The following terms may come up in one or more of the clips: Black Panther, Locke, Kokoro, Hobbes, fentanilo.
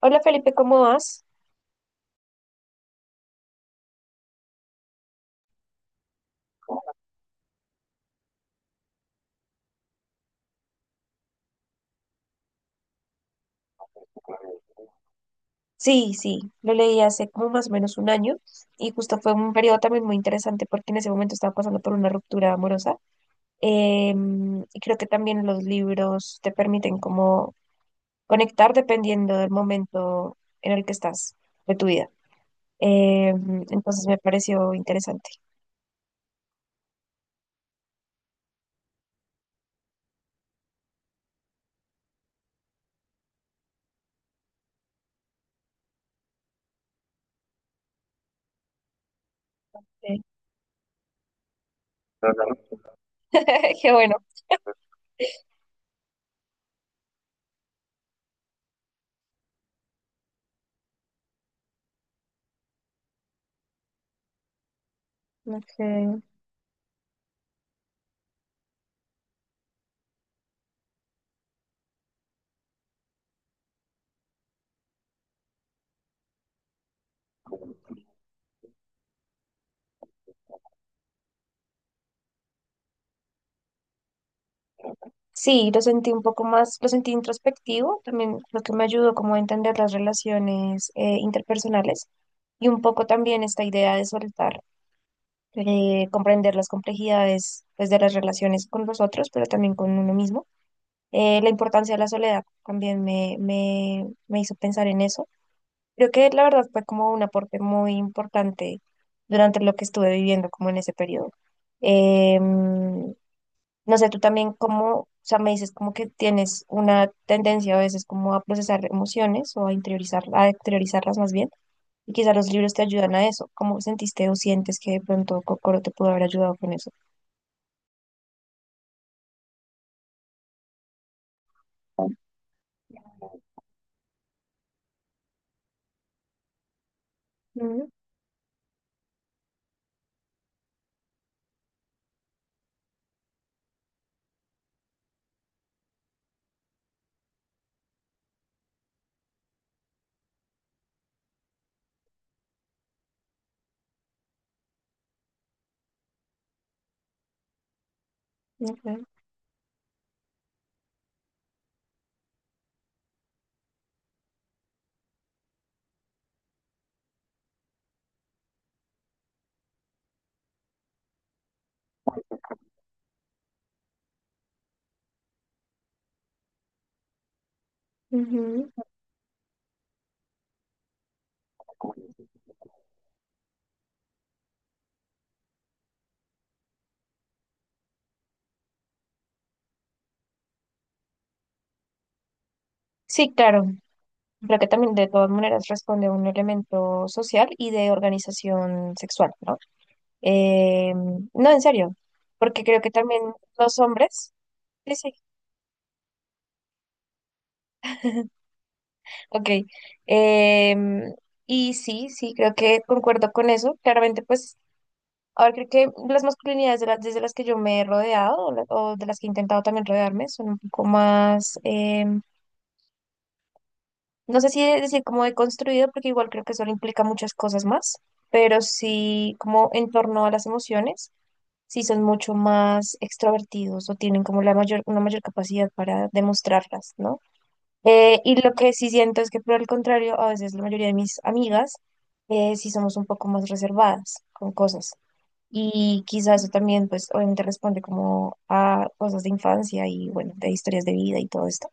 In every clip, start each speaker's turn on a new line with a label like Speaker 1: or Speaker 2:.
Speaker 1: Hola Felipe, ¿cómo vas? Sí, sí, lo leí hace como más o menos un año y justo fue un periodo también muy interesante porque en ese momento estaba pasando por una ruptura amorosa. Y creo que también los libros te permiten como conectar dependiendo del momento en el que estás de tu vida. Entonces me pareció interesante. Sí. Qué bueno. Ok. Sí, lo sentí un poco más, lo sentí introspectivo, también lo que me ayudó como a entender las relaciones interpersonales y un poco también esta idea de soltar, comprender las complejidades pues, de las relaciones con los otros, pero también con uno mismo. La importancia de la soledad también me hizo pensar en eso. Creo que la verdad fue como un aporte muy importante durante lo que estuve viviendo como en ese periodo. Em, no sé, tú también como, o sea, me dices como que tienes una tendencia a veces como a procesar emociones o a interiorizar, a exteriorizarlas más bien, y quizá los libros te ayudan a eso. ¿Cómo sentiste o sientes que de pronto Kokoro te pudo haber ayudado con eso? Mm, ok. Ujú. Sí, claro. Creo que también de todas maneras responde a un elemento social y de organización sexual, ¿no? Eh, no, en serio, porque creo que también los hombres, sí, sí, ok. em, y sí, sí, creo que concuerdo con eso. Claramente, pues, a ver, creo que las masculinidades de las, desde las que yo me he rodeado o, o de las que he intentado también rodearme son un poco más, em, no sé si decir como he construido, porque igual creo que eso implica muchas cosas más, pero sí como en torno a las emociones, sí son mucho más extrovertidos o tienen como una mayor capacidad para demostrarlas, ¿no? Y lo que sí siento es que por el contrario, a veces la mayoría de mis amigas sí somos un poco más reservadas con cosas. Y quizás eso también, pues obviamente responde como a cosas de infancia y bueno, de historias de vida y todo esto.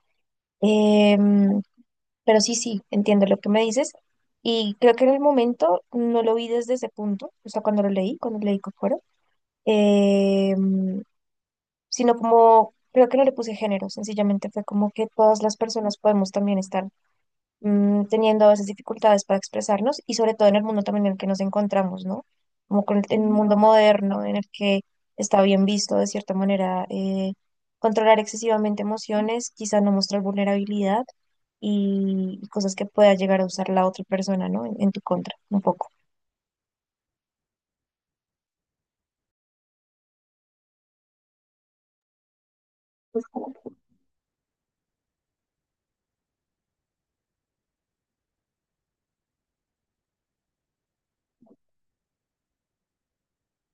Speaker 1: Em, pero sí, sí, entiendo lo que me dices. Y creo que en el momento no lo vi desde ese punto, o sea, cuando lo leí, cuando leí Kokoro, em, sino como, creo que no le puse género, sencillamente fue como que todas las personas podemos también estar teniendo a veces dificultades para expresarnos y sobre todo en el mundo también en el que nos encontramos, ¿no? Como en el mundo moderno en el que está bien visto de cierta manera, controlar excesivamente emociones, quizá no mostrar vulnerabilidad y, cosas que pueda llegar a usar la otra persona, ¿no? En tu contra, un poco.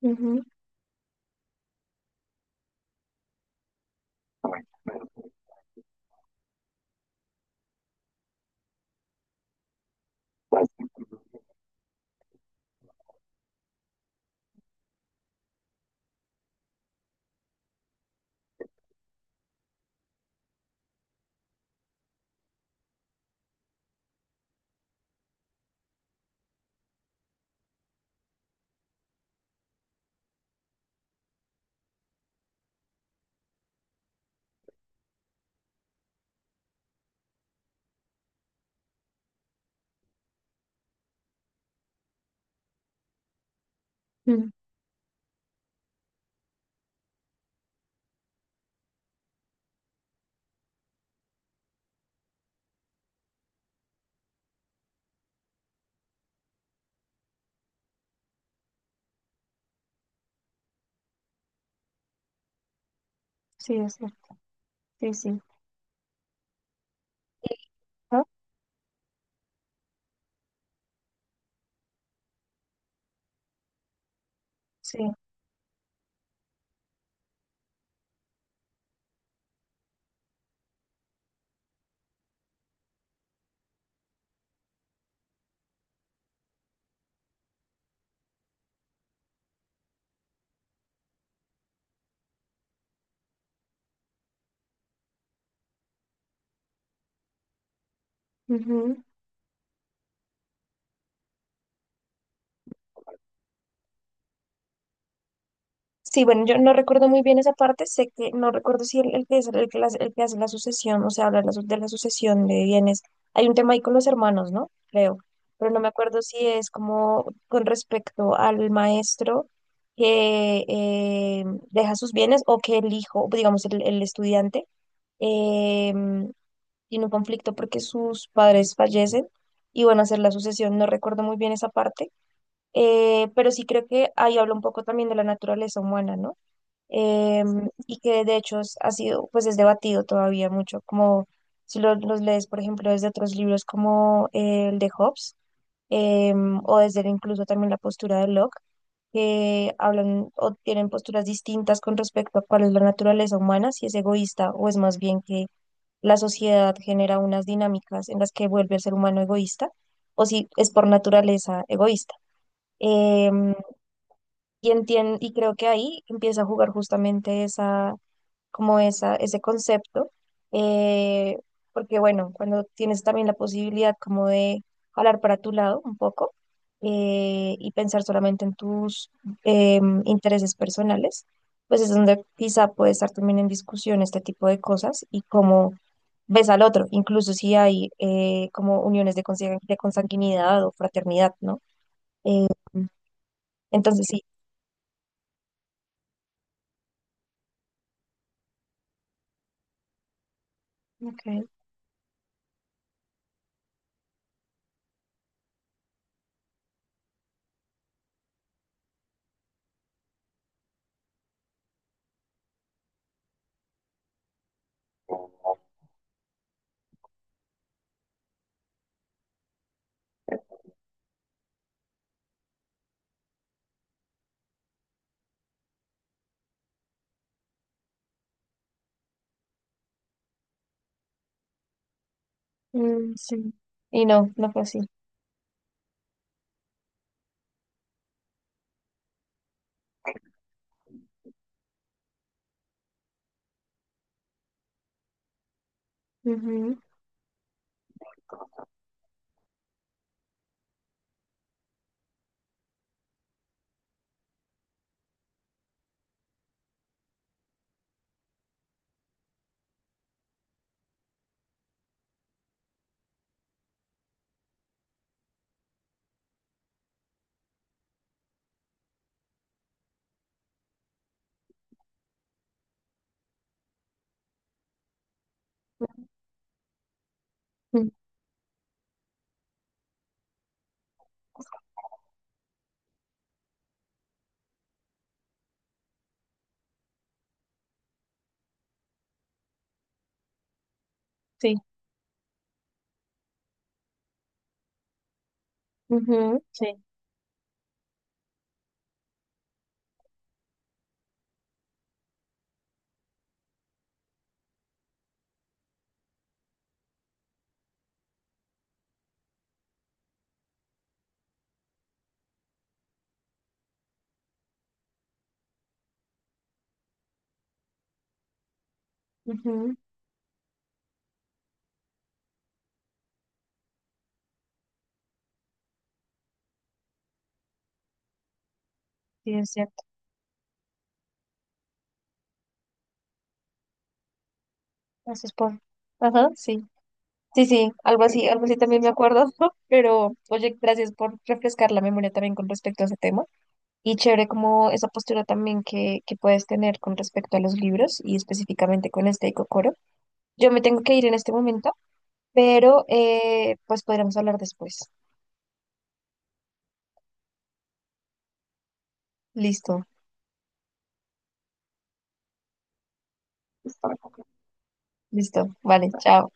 Speaker 1: Ujú, ujú, sí, es cierto. Sí, sí. ¿No? Sí. Ujú. Sí, bueno, yo no recuerdo muy bien esa parte, sé que no recuerdo si el que es el que, el que hace la sucesión, o sea, habla de de la sucesión de bienes. Hay un tema ahí con los hermanos, ¿no? Creo, pero no me acuerdo si es como con respecto al maestro que deja sus bienes o que el hijo, digamos, el estudiante, eh, tiene un conflicto porque sus padres fallecen y van a hacer la sucesión. No recuerdo muy bien esa parte, pero sí creo que ahí habla un poco también de la naturaleza humana, ¿no? Y que de hecho ha sido, pues es debatido todavía mucho, como si los lees, por ejemplo, desde otros libros como el de Hobbes, o desde incluso también la postura de Locke, que hablan o tienen posturas distintas con respecto a cuál es la naturaleza humana, si es egoísta o es más bien que la sociedad genera unas dinámicas en las que vuelve al ser humano egoísta, o si es por naturaleza egoísta. Em, y y creo que ahí empieza a jugar justamente esa como esa, ese concepto, eh, porque bueno, cuando tienes también la posibilidad como de jalar para tu lado un poco, y pensar solamente en tus intereses personales, pues es donde quizá puede estar también en discusión este tipo de cosas y cómo ves al otro, incluso si hay, como uniones de consanguinidad o fraternidad, ¿no? Eh, entonces sí. Okay. Mm, sí. Y no, no fue así. Ujú. Mm, sí, ujú, sí, ujú, sí, es cierto. Así es por. Ajá, sí. Sí, sí, algo así también me acuerdo, pero oye, gracias por refrescar la memoria también con respecto a ese tema. Y chévere como esa postura también que puedes tener con respecto a los libros y específicamente con este de. Yo me tengo que ir en este momento, pero, pues podríamos hablar después. Listo, listo. Vale, chao.